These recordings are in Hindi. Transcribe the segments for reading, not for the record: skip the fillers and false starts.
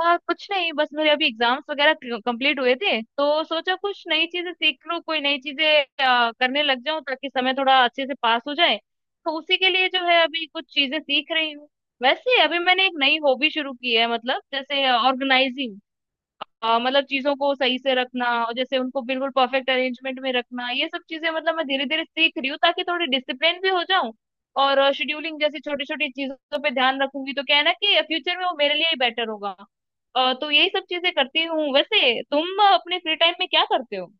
और कुछ नहीं, बस मेरे अभी एग्जाम्स वगैरह कंप्लीट हुए थे तो सोचा कुछ नई चीजें सीख लूं, कोई नई चीजें करने लग जाऊं ताकि समय थोड़ा अच्छे से पास हो जाए। तो उसी के लिए जो है अभी कुछ चीजें सीख रही हूँ। वैसे अभी मैंने एक नई हॉबी शुरू की है, मतलब जैसे ऑर्गेनाइजिंग। मतलब चीजों को सही से रखना और जैसे उनको बिल्कुल परफेक्ट अरेंजमेंट में रखना, ये सब चीजें मतलब मैं धीरे धीरे सीख रही हूँ ताकि थोड़ी डिसिप्लिन भी हो जाऊं और शेड्यूलिंग जैसी छोटी छोटी चीजों पे ध्यान रखूंगी, तो क्या है ना कि फ्यूचर में वो मेरे लिए ही बेटर होगा। तो यही सब चीजें करती हूँ। वैसे तुम अपने फ्री टाइम में क्या करते हो?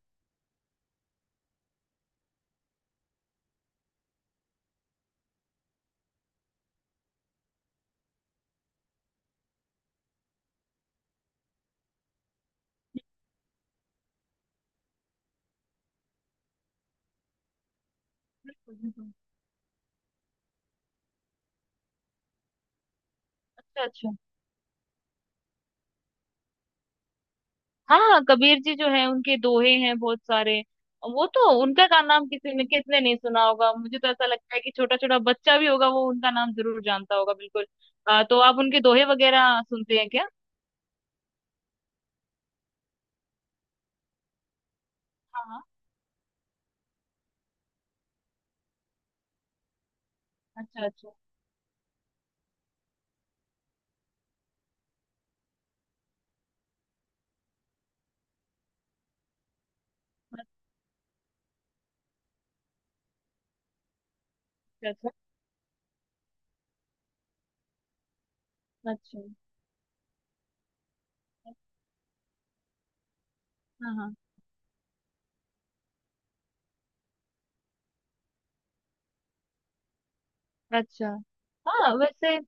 अच्छा। अच्छा। हाँ, कबीर जी जो है उनके दोहे हैं बहुत सारे। वो तो उनका का नाम किसी ने किसने नहीं सुना होगा, मुझे तो ऐसा लगता है कि छोटा छोटा बच्चा भी होगा वो उनका नाम जरूर जानता होगा, बिल्कुल। तो आप उनके दोहे वगैरह सुनते हैं क्या? हाँ, हाँ। अच्छा अच्छा। अच्छा अच्छा। अच्छा। हाँ हाँ। अच्छा। हाँ वैसे,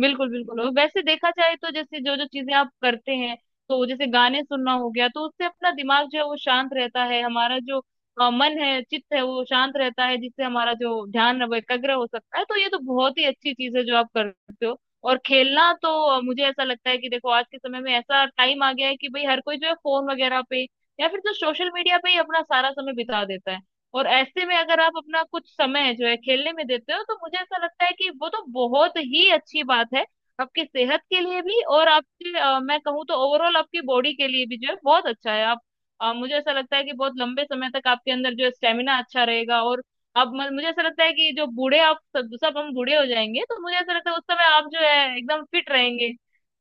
बिल्कुल बिल्कुल। और वैसे देखा जाए तो जैसे जो जो चीजें आप करते हैं, तो जैसे गाने सुनना हो गया तो उससे अपना दिमाग जो है वो शांत रहता है, हमारा जो मन है, चित्त है वो शांत रहता है, जिससे हमारा जो ध्यान है वो एकाग्र हो सकता है। तो ये तो बहुत ही अच्छी चीज है जो आप करते हो। और खेलना तो मुझे ऐसा लगता है कि देखो आज के समय में ऐसा टाइम आ गया है कि भाई हर कोई जो है फोन वगैरह पे या फिर तो सोशल मीडिया पे ही अपना सारा समय बिता देता है। और ऐसे में अगर आप अपना कुछ समय जो है खेलने में देते हो तो मुझे ऐसा लगता है कि वो तो बहुत ही अच्छी बात है, आपकी सेहत के लिए भी और आपके मैं कहूँ तो ओवरऑल आपकी बॉडी के लिए भी जो है बहुत अच्छा है। आप मुझे ऐसा लगता है कि बहुत लंबे समय तक आपके अंदर जो है स्टेमिना अच्छा रहेगा। और अब मुझे ऐसा लगता है कि जो बूढ़े आप सब सब हम बूढ़े हो जाएंगे तो मुझे ऐसा लगता है उस समय आप जो है एकदम फिट रहेंगे।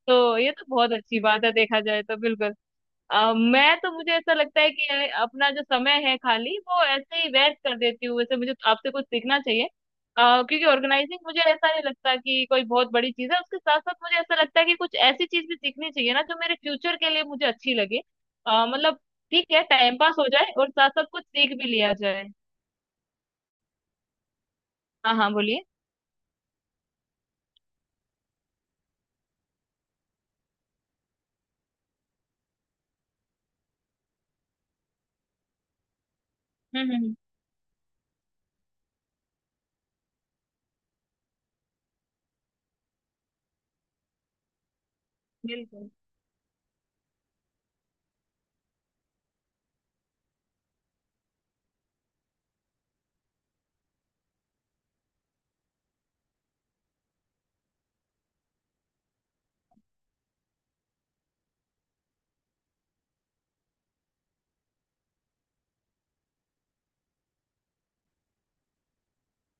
तो ये तो बहुत अच्छी बात है देखा जाए तो, बिल्कुल। मैं तो मुझे ऐसा लगता है कि यार अपना जो समय है खाली वो ऐसे ही व्यर्थ कर देती हूँ, वैसे मुझे आपसे कुछ सीखना चाहिए। क्योंकि ऑर्गेनाइजिंग मुझे ऐसा नहीं लगता कि कोई बहुत बड़ी चीज है, उसके साथ साथ मुझे ऐसा लगता है कि कुछ ऐसी चीज भी सीखनी चाहिए ना जो मेरे फ्यूचर के लिए मुझे अच्छी लगे। मतलब ठीक है टाइम पास हो जाए और साथ साथ कुछ सीख भी लिया जाए। हाँ हाँ, बोलिए। हम्म हम्म हम्म, बिल्कुल।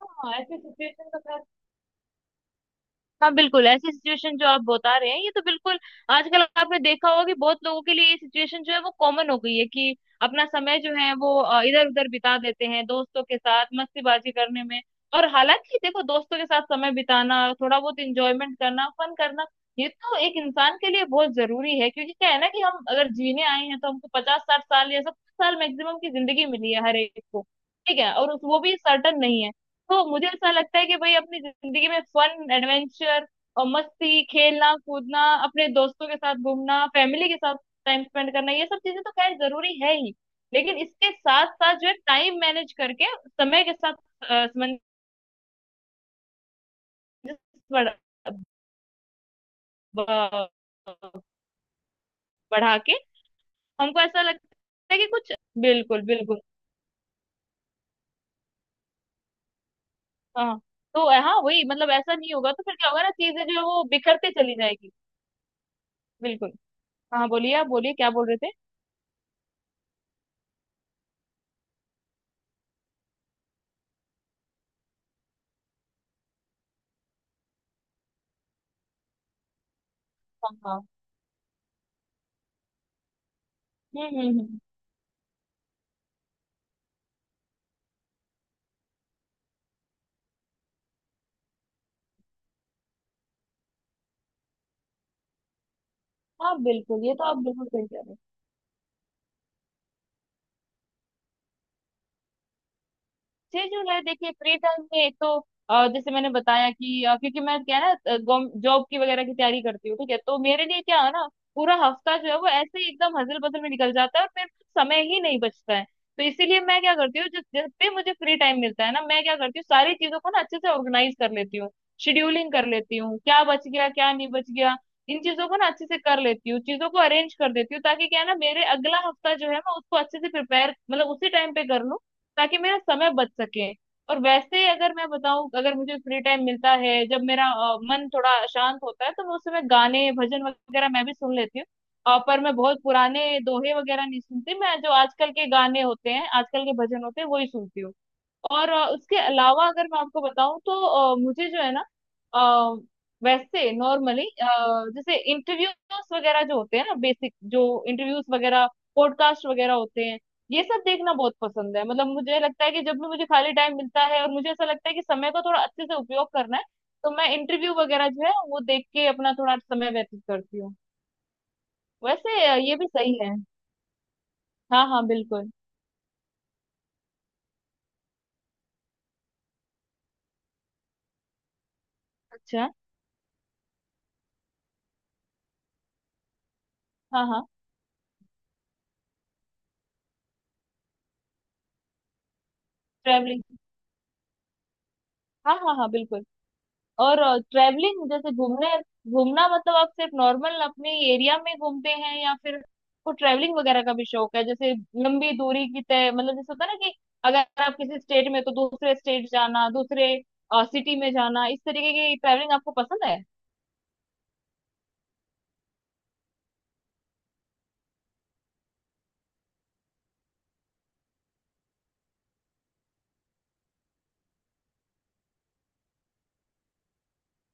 हाँ, ऐसी सिचुएशन, हाँ बिल्कुल ऐसी सिचुएशन जो आप बता रहे हैं ये तो बिल्कुल। आजकल आपने देखा होगा कि बहुत लोगों के लिए ये सिचुएशन जो है वो कॉमन हो गई है कि अपना समय जो है वो इधर उधर बिता देते हैं, दोस्तों के साथ मस्तीबाजी करने में। और हालांकि देखो दोस्तों के साथ समय बिताना, थोड़ा बहुत इंजॉयमेंट करना, फन करना ये तो एक इंसान के लिए बहुत जरूरी है, क्योंकि क्या है ना कि हम अगर जीने आए हैं तो हमको 50 60 साल या 70 साल मैक्सिमम की जिंदगी मिली है हर एक को, ठीक है। और वो भी सर्टन नहीं है। तो मुझे ऐसा लगता है कि भाई अपनी जिंदगी में फन, एडवेंचर और मस्ती, खेलना कूदना, अपने दोस्तों के साथ घूमना, फैमिली के साथ टाइम स्पेंड करना, ये सब चीजें तो खैर जरूरी है ही। लेकिन इसके साथ साथ जो है टाइम मैनेज करके समय के साथ समंजस बढ़ा, ब- बढ़ा के हमको ऐसा लगता है कि कुछ, बिल्कुल बिल्कुल। हाँ, तो हाँ वही मतलब ऐसा नहीं होगा तो फिर क्या होगा ना, चीजें जो है वो बिखरते चली जाएगी। बिल्कुल। हाँ, बोलिए, आप बोलिए क्या बोल रहे थे। हाँ हाँ। हम्म। हाँ बिल्कुल ये तो आप बिल्कुल सही कह रहे। 6 जुलाई देखिए फ्री टाइम में एक तो जैसे मैंने बताया कि क्योंकि मैं क्या है ना, जॉब की वगैरह की तैयारी करती हूँ, ठीक है, तो मेरे लिए क्या है ना पूरा हफ्ता जो है वो ऐसे ही एकदम हजल बजल में निकल जाता है और मेरे पास समय ही नहीं बचता है। तो इसीलिए मैं क्या करती हूँ, जिस जब भी मुझे फ्री टाइम मिलता है ना मैं क्या करती हूँ, सारी चीजों को ना अच्छे से ऑर्गेनाइज कर लेती हूँ, शेड्यूलिंग कर लेती हूँ, क्या बच गया क्या नहीं बच गया, इन चीजों को ना अच्छे से कर लेती हूँ, चीजों को अरेंज कर देती हूँ ताकि क्या है ना मेरे अगला हफ्ता जो है मैं उसको अच्छे से प्रिपेयर मतलब उसी टाइम पे कर लूँ, ताकि मेरा समय बच सके। और वैसे अगर मैं बताऊं, अगर मुझे फ्री टाइम मिलता है जब मेरा मन थोड़ा शांत होता है तो मैं उस समय गाने भजन वगैरह मैं भी सुन लेती हूँ। पर मैं बहुत पुराने दोहे वगैरह नहीं सुनती, मैं जो आजकल के गाने होते हैं, आजकल के भजन होते हैं वही सुनती हूँ। और उसके अलावा अगर मैं आपको बताऊं तो मुझे जो है ना, अ, वैसे नॉर्मली जैसे इंटरव्यूज वगैरह जो होते हैं ना बेसिक जो इंटरव्यूज वगैरह, पॉडकास्ट वगैरह होते हैं ये सब देखना बहुत पसंद है। मतलब मुझे लगता है कि जब भी मुझे खाली टाइम मिलता है और मुझे ऐसा लगता है कि समय का थोड़ा अच्छे से उपयोग करना है, तो मैं इंटरव्यू वगैरह जो है वो देख के अपना थोड़ा समय व्यतीत करती हूँ। वैसे ये भी सही है। हाँ हाँ बिल्कुल। अच्छा। हाँ हाँ, ट्रैवलिंग। हाँ हाँ हाँ बिल्कुल। और ट्रैवलिंग, जैसे घूमने, घूमना मतलब आप सिर्फ नॉर्मल अपने एरिया में घूमते हैं या फिर आपको ट्रैवलिंग वगैरह का भी शौक है, जैसे लंबी दूरी की तय मतलब जैसे होता है ना कि अगर आप किसी स्टेट में तो दूसरे स्टेट जाना, दूसरे सिटी में जाना, इस तरीके की ट्रैवलिंग आपको पसंद है?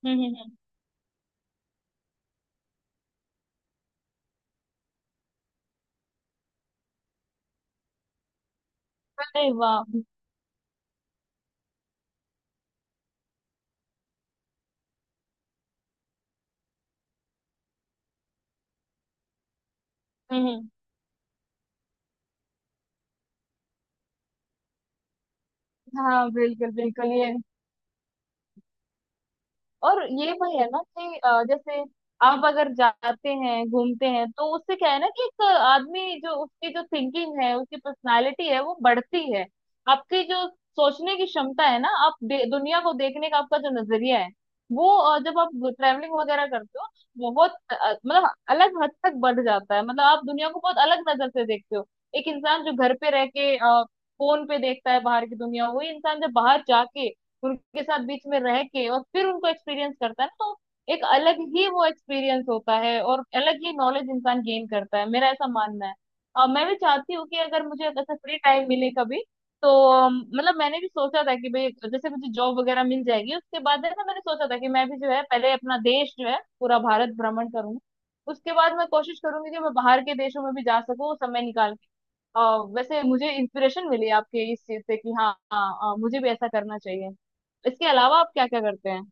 हम्म हम्म हम्म। अरे वाह, हम्म। हम्म। हाँ बिल्कुल बिल्कुल ये। और ये वही है ना कि जैसे आप अगर जाते हैं घूमते हैं तो उससे क्या है ना कि एक आदमी जो उसकी जो थिंकिंग है उसकी पर्सनालिटी है वो बढ़ती है। आपकी जो सोचने की क्षमता है ना, आप दुनिया को देखने का आपका जो नजरिया है वो जब आप ट्रैवलिंग वगैरह करते हो बहुत मतलब अलग हद तक बढ़ जाता है, मतलब आप दुनिया को बहुत अलग नजर से देखते हो। एक इंसान जो घर पे रह के फोन पे देखता है बाहर की दुनिया, वही इंसान जब बाहर जाके उनके साथ बीच में रह के और फिर उनको एक्सपीरियंस करता है ना तो एक अलग ही वो एक्सपीरियंस होता है और अलग ही नॉलेज इंसान गेन करता है, मेरा ऐसा मानना है। और मैं भी चाहती हूँ कि अगर मुझे ऐसा फ्री टाइम मिले कभी, तो मतलब मैंने भी सोचा था कि भाई जैसे मुझे जॉब वगैरह मिल जाएगी उसके बाद है ना, मैंने सोचा था कि मैं भी जो है पहले अपना देश जो है पूरा भारत भ्रमण करूंगी, उसके बाद मैं कोशिश करूंगी कि मैं बाहर के देशों में भी जा सकूं समय निकाल। अ, वैसे मुझे इंस्पिरेशन मिली आपके इस चीज से कि हाँ हाँ, मुझे भी ऐसा करना चाहिए। इसके अलावा आप क्या क्या करते हैं?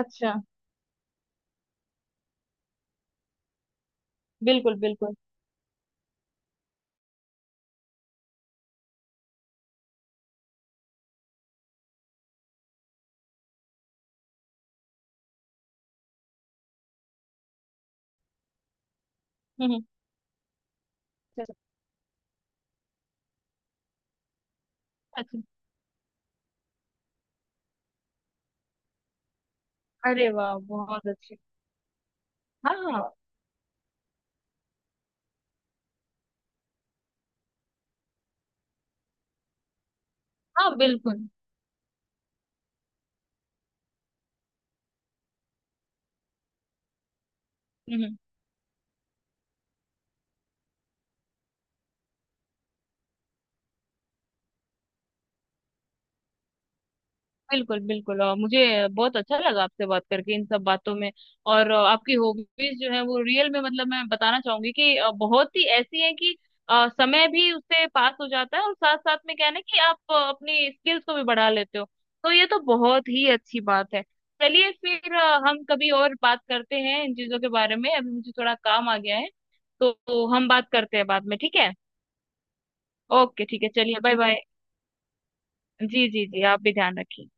अच्छा। बिल्कुल बिल्कुल। हम्म हम्म, अच्छा। अच्छा। अरे वाह, बहुत अच्छे। हाँ हाँ हाँ बिल्कुल। हम्म हम्म। बिल्कुल बिल्कुल, और मुझे बहुत अच्छा लगा आपसे बात करके इन सब बातों में। और आपकी हॉबीज जो है वो रियल में, मतलब मैं बताना चाहूंगी कि बहुत ही ऐसी है कि समय भी उससे पास हो जाता है और साथ साथ में क्या है ना कि आप अपनी स्किल्स को भी बढ़ा लेते हो, तो ये तो बहुत ही अच्छी बात है। चलिए फिर हम कभी और बात करते हैं इन चीजों के बारे में, अभी मुझे थोड़ा काम आ गया है। तो हम बात करते हैं बाद में, ठीक है? ओके ठीक है, चलिए बाय बाय। जी जी जी, आप भी ध्यान रखिए।